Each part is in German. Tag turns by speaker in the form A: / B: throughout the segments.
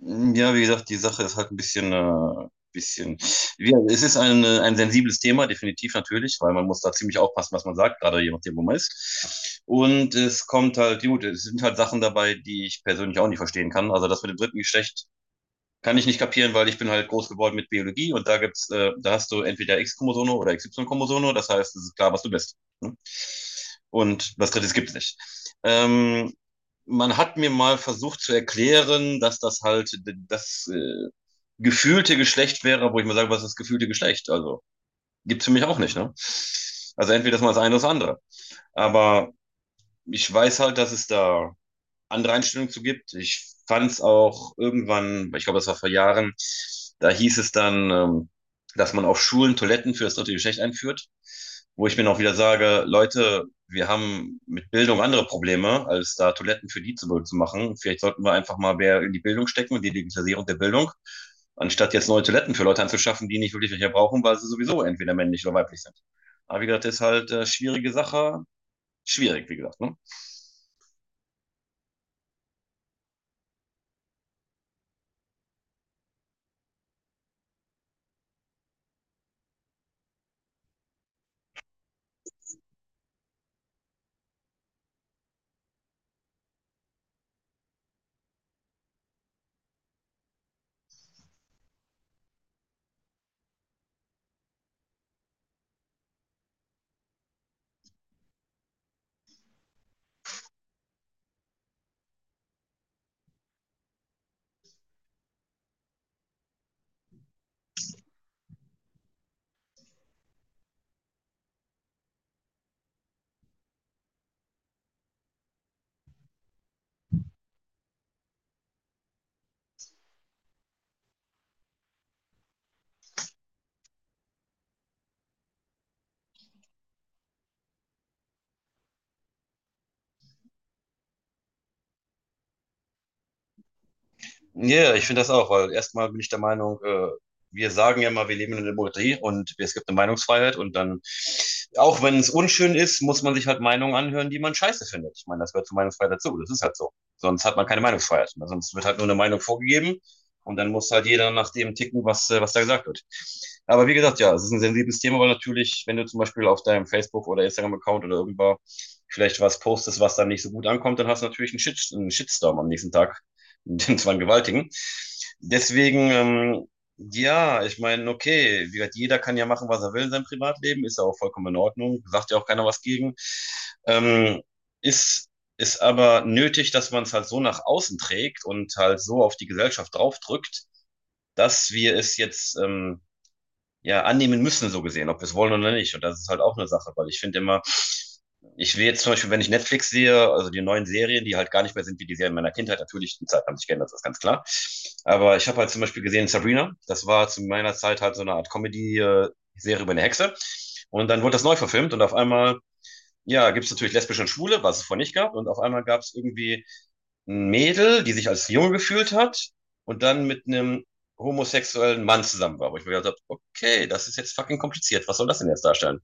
A: Hm, ja, wie gesagt, die Sache ist halt ein bisschen, bisschen. Wie, es ist ein sensibles Thema, definitiv natürlich, weil man muss da ziemlich aufpassen, was man sagt, gerade je nachdem, wo man ist. Und es kommt halt, gut, es sind halt Sachen dabei, die ich persönlich auch nicht verstehen kann. Also das mit dem dritten Geschlecht kann ich nicht kapieren, weil ich bin halt groß geworden mit Biologie und da gibt's, da hast du entweder X-Chromosome oder y chromosome, das heißt, es ist klar, was du bist. Ne? Und was Drittes gibt's nicht. Ähm, Man hat mir mal versucht zu erklären, dass das halt das gefühlte Geschlecht wäre, wo ich mal sage, was ist das gefühlte Geschlecht? Also gibt's für mich auch nicht. Ne? Also entweder das mal das eine oder das andere. Aber ich weiß halt, dass es da andere Einstellung zu gibt. Ich fand es auch irgendwann, ich glaube, das war vor Jahren, da hieß es dann, dass man auf Schulen Toiletten für das dritte Geschlecht einführt, wo ich mir auch wieder sage, Leute, wir haben mit Bildung andere Probleme, als da Toiletten für die zu machen. Vielleicht sollten wir einfach mal mehr in die Bildung stecken und die Digitalisierung der Bildung, anstatt jetzt neue Toiletten für Leute anzuschaffen, die nicht wirklich welche brauchen, weil sie sowieso entweder männlich oder weiblich sind. Aber wie gesagt, das ist halt schwierige Sache. Schwierig, wie gesagt. Ne? Ja, ich finde das auch, weil erstmal bin ich der Meinung, wir sagen ja immer, wir leben in einer Demokratie und es gibt eine Meinungsfreiheit, und dann, auch wenn es unschön ist, muss man sich halt Meinungen anhören, die man scheiße findet. Ich meine, das gehört zur Meinungsfreiheit dazu, das ist halt so. Sonst hat man keine Meinungsfreiheit. Also sonst wird halt nur eine Meinung vorgegeben und dann muss halt jeder nach dem ticken, was da gesagt wird. Aber wie gesagt, ja, es ist ein sensibles Thema, weil natürlich, wenn du zum Beispiel auf deinem Facebook- oder Instagram-Account oder irgendwo vielleicht was postest, was dann nicht so gut ankommt, dann hast du natürlich einen, Shit, einen Shitstorm am nächsten Tag, den zwar gewaltigen. Deswegen, ja, ich meine, okay, wie gesagt, jeder kann ja machen, was er will in seinem Privatleben, ist ja auch vollkommen in Ordnung, sagt ja auch keiner was gegen. Ähm, ist, ist aber nötig, dass man es halt so nach außen trägt und halt so auf die Gesellschaft draufdrückt, dass wir es jetzt ja annehmen müssen, so gesehen, ob wir es wollen oder nicht. Und das ist halt auch eine Sache, weil ich finde immer, ich will jetzt zum Beispiel, wenn ich Netflix sehe, also die neuen Serien, die halt gar nicht mehr sind wie die Serien meiner Kindheit, natürlich, die Zeiten haben sich geändert, das ist ganz klar. Aber ich habe halt zum Beispiel gesehen Sabrina, das war zu meiner Zeit halt so eine Art Comedy-Serie über eine Hexe. Und dann wurde das neu verfilmt und auf einmal, ja, gibt es natürlich lesbische und Schwule, was es vorher nicht gab. Und auf einmal gab es irgendwie ein Mädel, die sich als Junge gefühlt hat und dann mit einem homosexuellen Mann zusammen war. Wo ich mir gedacht habe, okay, das ist jetzt fucking kompliziert. Was soll das denn jetzt darstellen?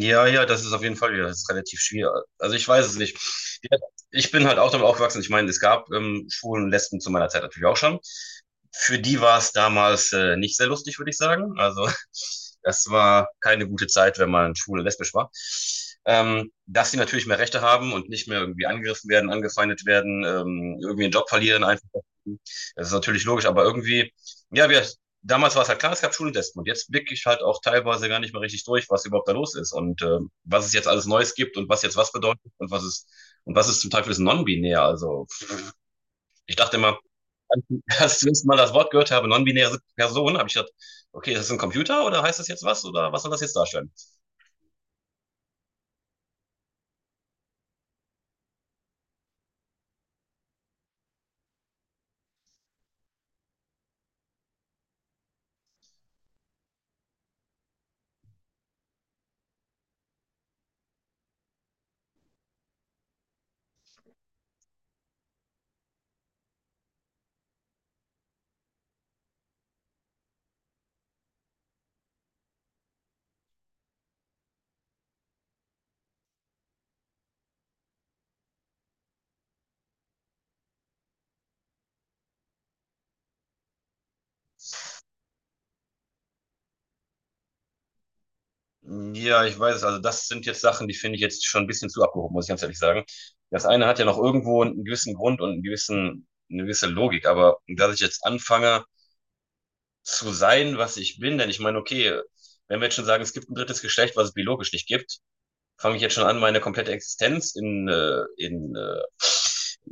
A: Ja, ja, das ist auf jeden Fall, ja, das ist relativ schwierig. Also ich weiß es nicht. Ja, ich bin halt auch damit aufgewachsen. Ich meine, es gab Schwulen und Lesben zu meiner Zeit natürlich auch schon. Für die war es damals nicht sehr lustig, würde ich sagen. Also das war keine gute Zeit, wenn man schwul und lesbisch war. Dass sie natürlich mehr Rechte haben und nicht mehr irgendwie angegriffen werden, angefeindet werden, irgendwie einen Job verlieren, einfach. Das ist natürlich logisch, aber irgendwie, ja, wir, damals war es halt klar, es gab Schultesten und jetzt blicke ich halt auch teilweise gar nicht mehr richtig durch, was überhaupt da los ist und was es jetzt alles Neues gibt und was jetzt was bedeutet und was ist zum Teil für das Non-Binär. Also ich dachte immer, als ich zuerst mal das Wort gehört habe, non-binäre Person, habe ich gedacht, okay, ist das ein Computer oder heißt das jetzt was oder was soll das jetzt darstellen? Ja, ich weiß, also das sind jetzt Sachen, die finde ich jetzt schon ein bisschen zu abgehoben, muss ich ganz ehrlich sagen. Das eine hat ja noch irgendwo einen gewissen Grund und einen gewissen, eine gewisse Logik, aber dass ich jetzt anfange, zu sein, was ich bin. Denn ich meine, okay, wenn wir jetzt schon sagen, es gibt ein drittes Geschlecht, was es biologisch nicht gibt, fange ich jetzt schon an, meine komplette Existenz in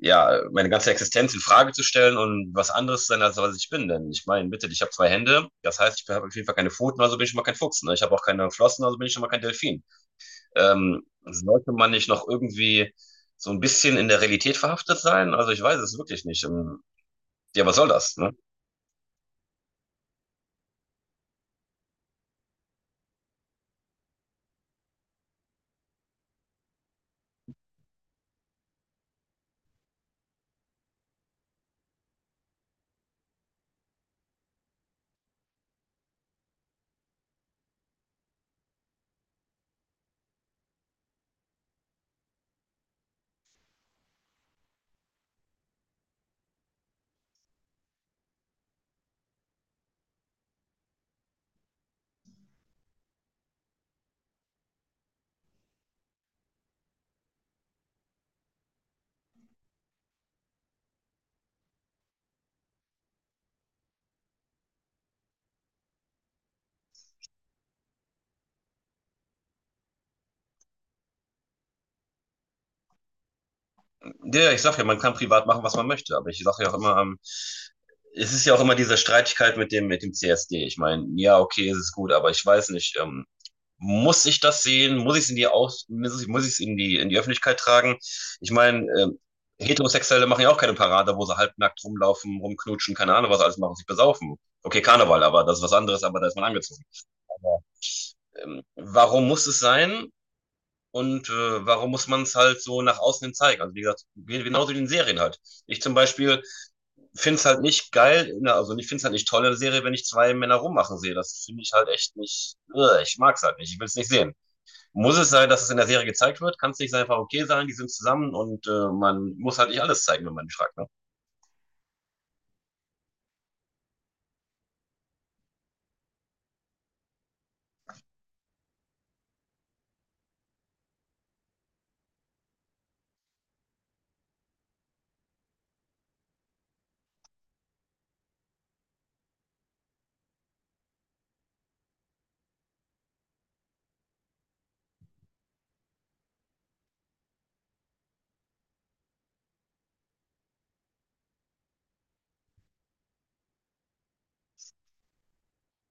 A: ja, meine ganze Existenz in Frage zu stellen und was anderes sein, als was ich bin. Denn ich meine, bitte, ich habe zwei Hände, das heißt, ich habe auf jeden Fall keine Pfoten, also bin ich schon mal kein Fuchs. Ne? Ich habe auch keine Flossen, also bin ich schon mal kein Delfin. Sollte man nicht noch irgendwie so ein bisschen in der Realität verhaftet sein? Also ich weiß es wirklich nicht. Ja, was soll das? Ne? Ja, ja, ich sag ja, man kann privat machen, was man möchte, aber ich sage ja auch immer, es ist ja auch immer diese Streitigkeit mit dem CSD. Ich meine, ja, okay, es ist gut, aber ich weiß nicht, muss ich das sehen? Muss ich es in die Aus muss ich es in die Öffentlichkeit tragen? Ich meine, Heterosexuelle machen ja auch keine Parade, wo sie halbnackt rumlaufen, rumknutschen, keine Ahnung, was sie alles machen, sich besaufen. Okay, Karneval, aber das ist was anderes, aber da ist man angezogen. Aber, warum muss es sein? Und warum muss man es halt so nach außen hin zeigen? Also wie gesagt, genauso wie in Serien halt. Ich zum Beispiel finde es halt nicht geil, ne, also ich finde es halt nicht toll in der Serie, wenn ich zwei Männer rummachen sehe. Das finde ich halt echt nicht, ich mag es halt nicht, ich will es nicht sehen. Muss es sein, dass es in der Serie gezeigt wird? Kann es nicht einfach okay sein, die sind zusammen und man muss halt nicht alles zeigen, wenn man fragt, ne?